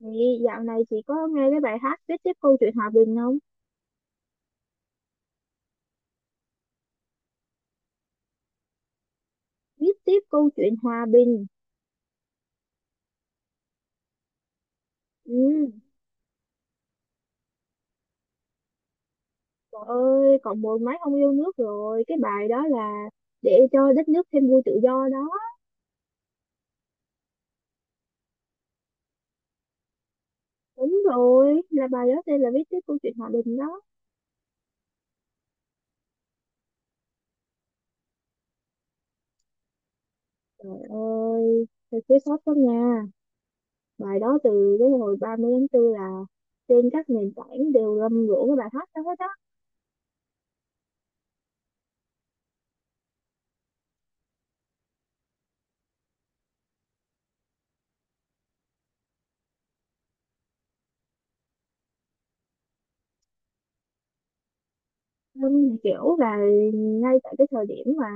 Thì dạo này chị có nghe cái bài hát viết tiếp câu chuyện hòa bình không? Viết tiếp câu chuyện hòa bình. Ừ. Trời ơi, còn mười mấy ông yêu nước rồi. Cái bài đó là để cho đất nước thêm vui tự do đó. Đúng rồi, là bài đó tên là viết tiếp câu chuyện hòa bình đó. Trời ơi, thật thiếu sót quá nha. Bài đó từ cái hồi 30/4 là trên các nền tảng đều rầm rộ cái bài hát đó hết á. Vâng, kiểu là ngay tại cái thời điểm mà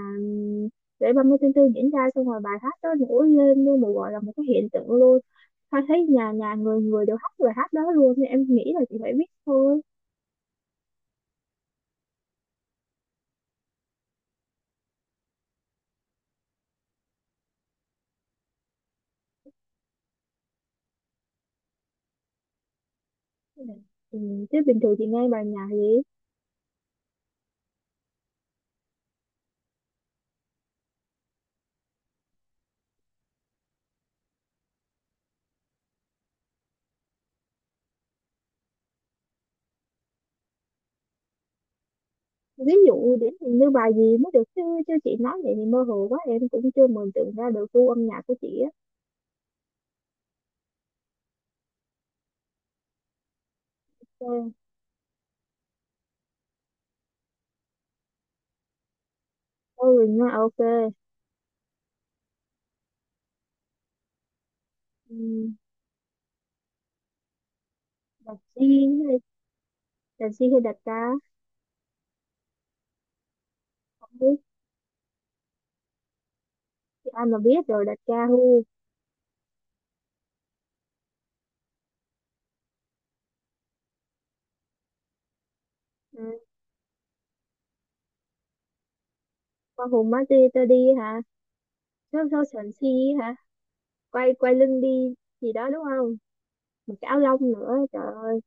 lễ 30/4 diễn ra xong rồi bài hát đó nổi lên như một gọi là một cái hiện tượng luôn. Hoa thấy nhà nhà người người đều hát bài hát đó luôn nên em nghĩ là chị phải biết thôi. Ừ, chứ bình thường chị nghe bài nhạc gì? Ví dụ điển hình như bài gì mới được chứ? Chứ chị nói vậy thì mơ hồ quá, em cũng chưa mường tượng ra được gu âm nhạc của chị á. Ok, thôi mình ok. Ừ, đặt chi hay đặt chi hay đặt ca. Không biết chị, ai mà biết rồi đặt ca hu. Ừ. Qua Hồ Mati đi hả? Số số sần si. Hả? Quay quay lưng đi gì đó đúng không? Một cái áo lông nữa trời ơi.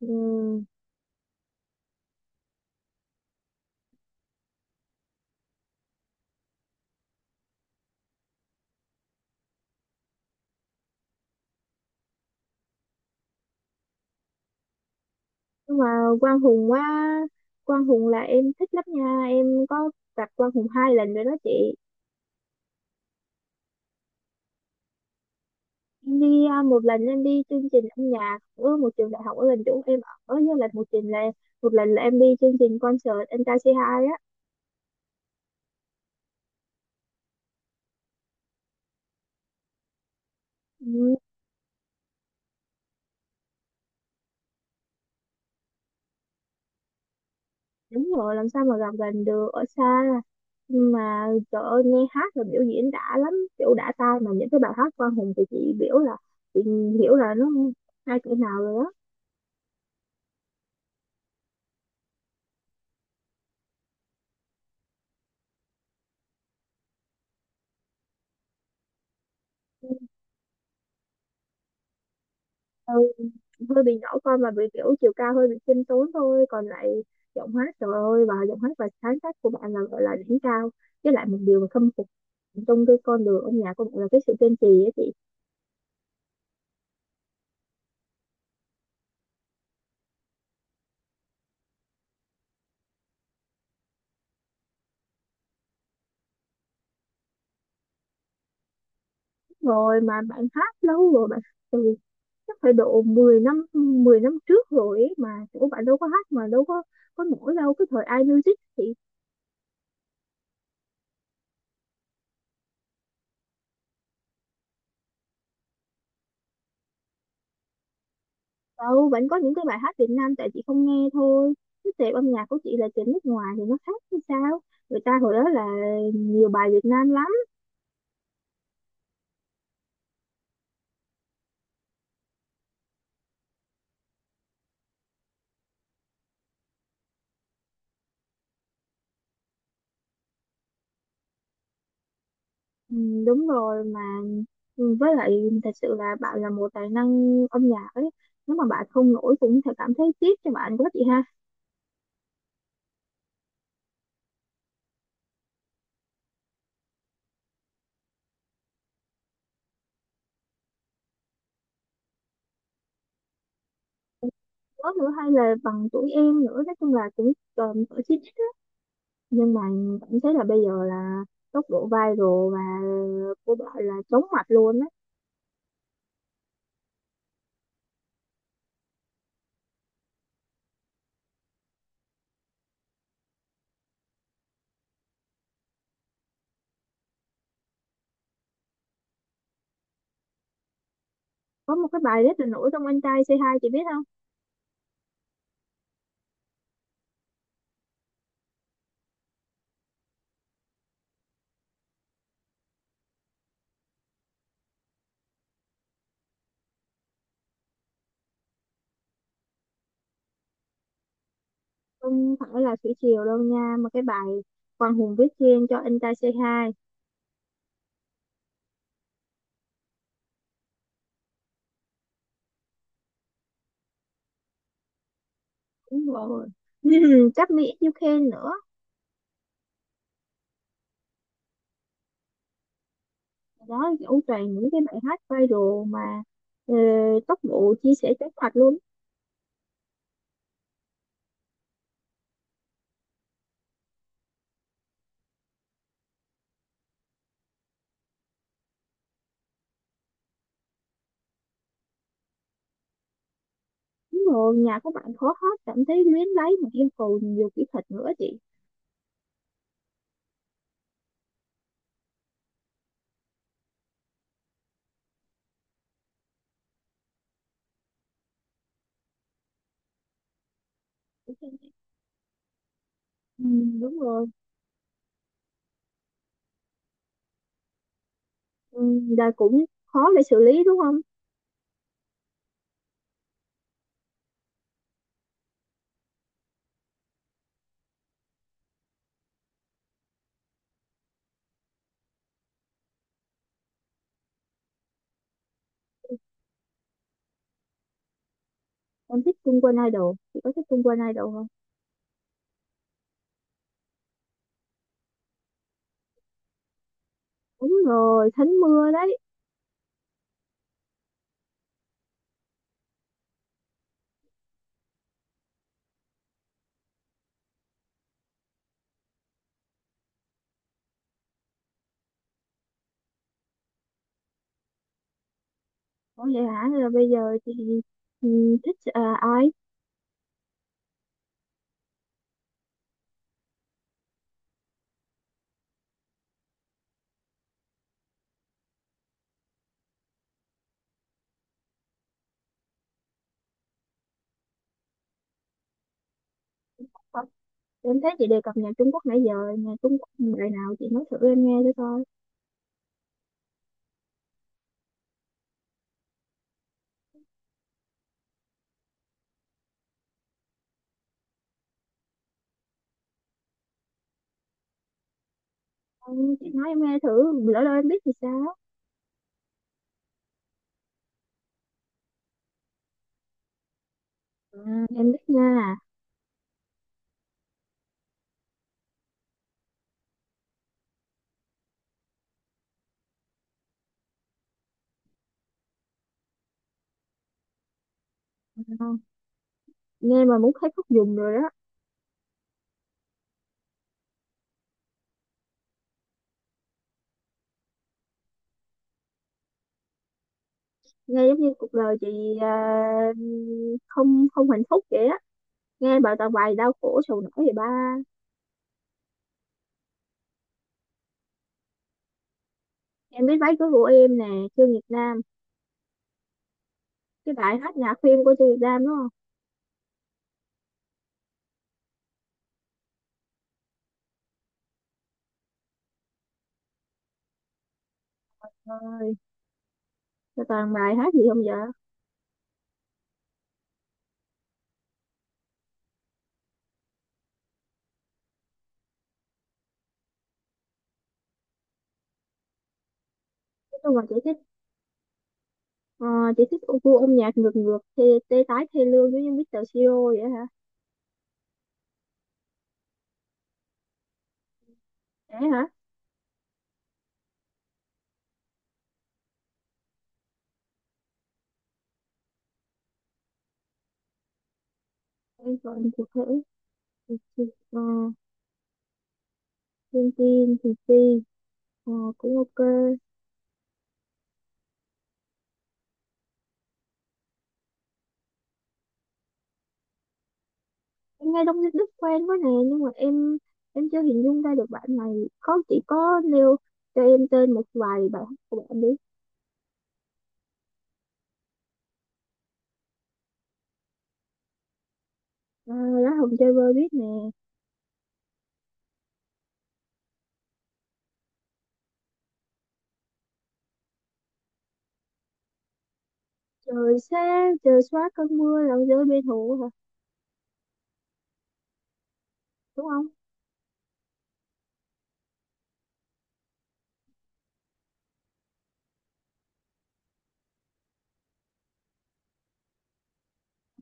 Ừ. Nhưng mà Quang Hùng quá Quang Hùng là em thích lắm nha, em có gặp Quang Hùng hai lần rồi đó chị. Em đi à, một lần em đi chương trình âm nhạc ở một trường đại học ở gần chỗ em, ở với lần một trình là một lần là em đi chương trình concert anh ta c hai á. Ừ. Đúng rồi, làm sao mà gặp gần được, ở xa. Nhưng mà trời ơi, nghe hát và biểu diễn đã lắm, kiểu đã tai mà những cái bài hát Quang Hùng thì chị biểu là chị hiểu là nó hai cỡ nào rồi. Đó. Ừ, hơi bị nhỏ con và bị kiểu chiều cao hơi bị khiêm tốn thôi còn lại giọng hát trời ơi và giọng hát và sáng tác của bạn là gọi là đỉnh cao, với lại một điều mà khâm phục trong cái con đường âm nhạc của bạn là cái sự kiên trì á chị. Rồi mà bạn hát lâu rồi bạn chắc phải độ 10 năm, 10 năm trước rồi ấy, mà chỗ bạn đâu có hát mà đâu có nổi đâu cái thời iMusic thì đâu vẫn có những cái bài hát Việt Nam, tại chị không nghe thôi, cái tệp âm nhạc của chị là tệp nước ngoài thì nó khác hay sao? Người ta hồi đó là nhiều bài Việt Nam lắm. Ừ, đúng rồi mà. Ừ, với lại thật sự là bạn là một tài năng âm nhạc ấy, nếu mà bạn không nổi cũng sẽ cảm thấy tiếc cho bạn quá chị ha. Đó nữa hay là bằng tuổi em nữa, nói chung là cũng còn ở trên, nhưng mà cảm thấy là bây giờ là tốc độ viral và của bạn là chóng mặt luôn á. Có một cái bài rất là nổi trong anh trai C2 chị biết không? Không phải là thủy triều đâu nha, mà cái bài Quang Hùng viết riêng cho anh trai C2. Đúng rồi. Cáp Mỹ You Can nữa. Đó, kiểu toàn những cái bài hát viral mà ờ, tốc độ chia sẻ chóng mặt luôn. Đúng rồi, nhà của bạn khó hát, cảm thấy luyến lấy mà yêu cầu nhiều kỹ thuật nữa chị. Ừ, đúng rồi. Ừ, là cũng khó để xử lý đúng không? Em thích Trung Quân Idol, chị có thích Trung Quân Idol không? Đúng rồi, Thánh Mưa đấy. Ủa vậy hả? Là bây giờ chị, ừ, thích à, ai? Ờ, em thấy chị đề cập nhạc Trung Quốc nãy giờ, nhạc Trung Quốc bài nào chị nói thử em nghe thử coi. Ừ, chị nói em nghe thử, lỡ đâu em biết thì sao? Ừ, em biết nha. Ừ. Nghe mà muốn thấy khóc dùng rồi đó. Nghe giống như cuộc đời chị à, không không hạnh phúc vậy á. Nghe bài toàn bài đau khổ sầu não vậy ba. Em biết váy cưới của em nè, Trương Việt Nam. Cái bài hát nhạc phim của Trương Việt Nam đúng không? Trời ơi, sao toàn bài hát gì không vậy? Nói chung là chị thích, ờ, chị thích ô gu âm nhạc ngược ngược thì tê tái thê lương giống như Mr. Siro vậy hả? Thế hả? Em còn cụ thể. Thì ờ, Thiên Tiên thì Ti cũng ok. Em nghe Đông Đức quen quá nè nhưng mà em chưa hình dung ra được bạn này, có chỉ có nêu cho em tên một vài bài hát của bạn đi. À, lá hồng chơi vơi biết nè. Trời xa trời xóa cơn mưa lòng rơi bê thù hả đúng không?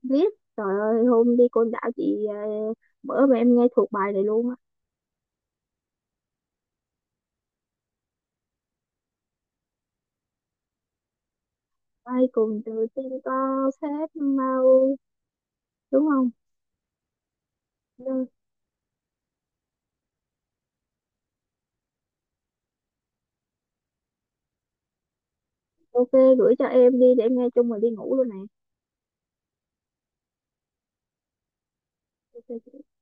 Biết. Trời ơi hôm đi Côn Đảo chị à, bữa mà em nghe thuộc bài này luôn á. Ai cùng từ tin to phép mau đúng không? Rồi, ok. Gửi cho em đi để em nghe chung rồi đi ngủ luôn nè. Ok.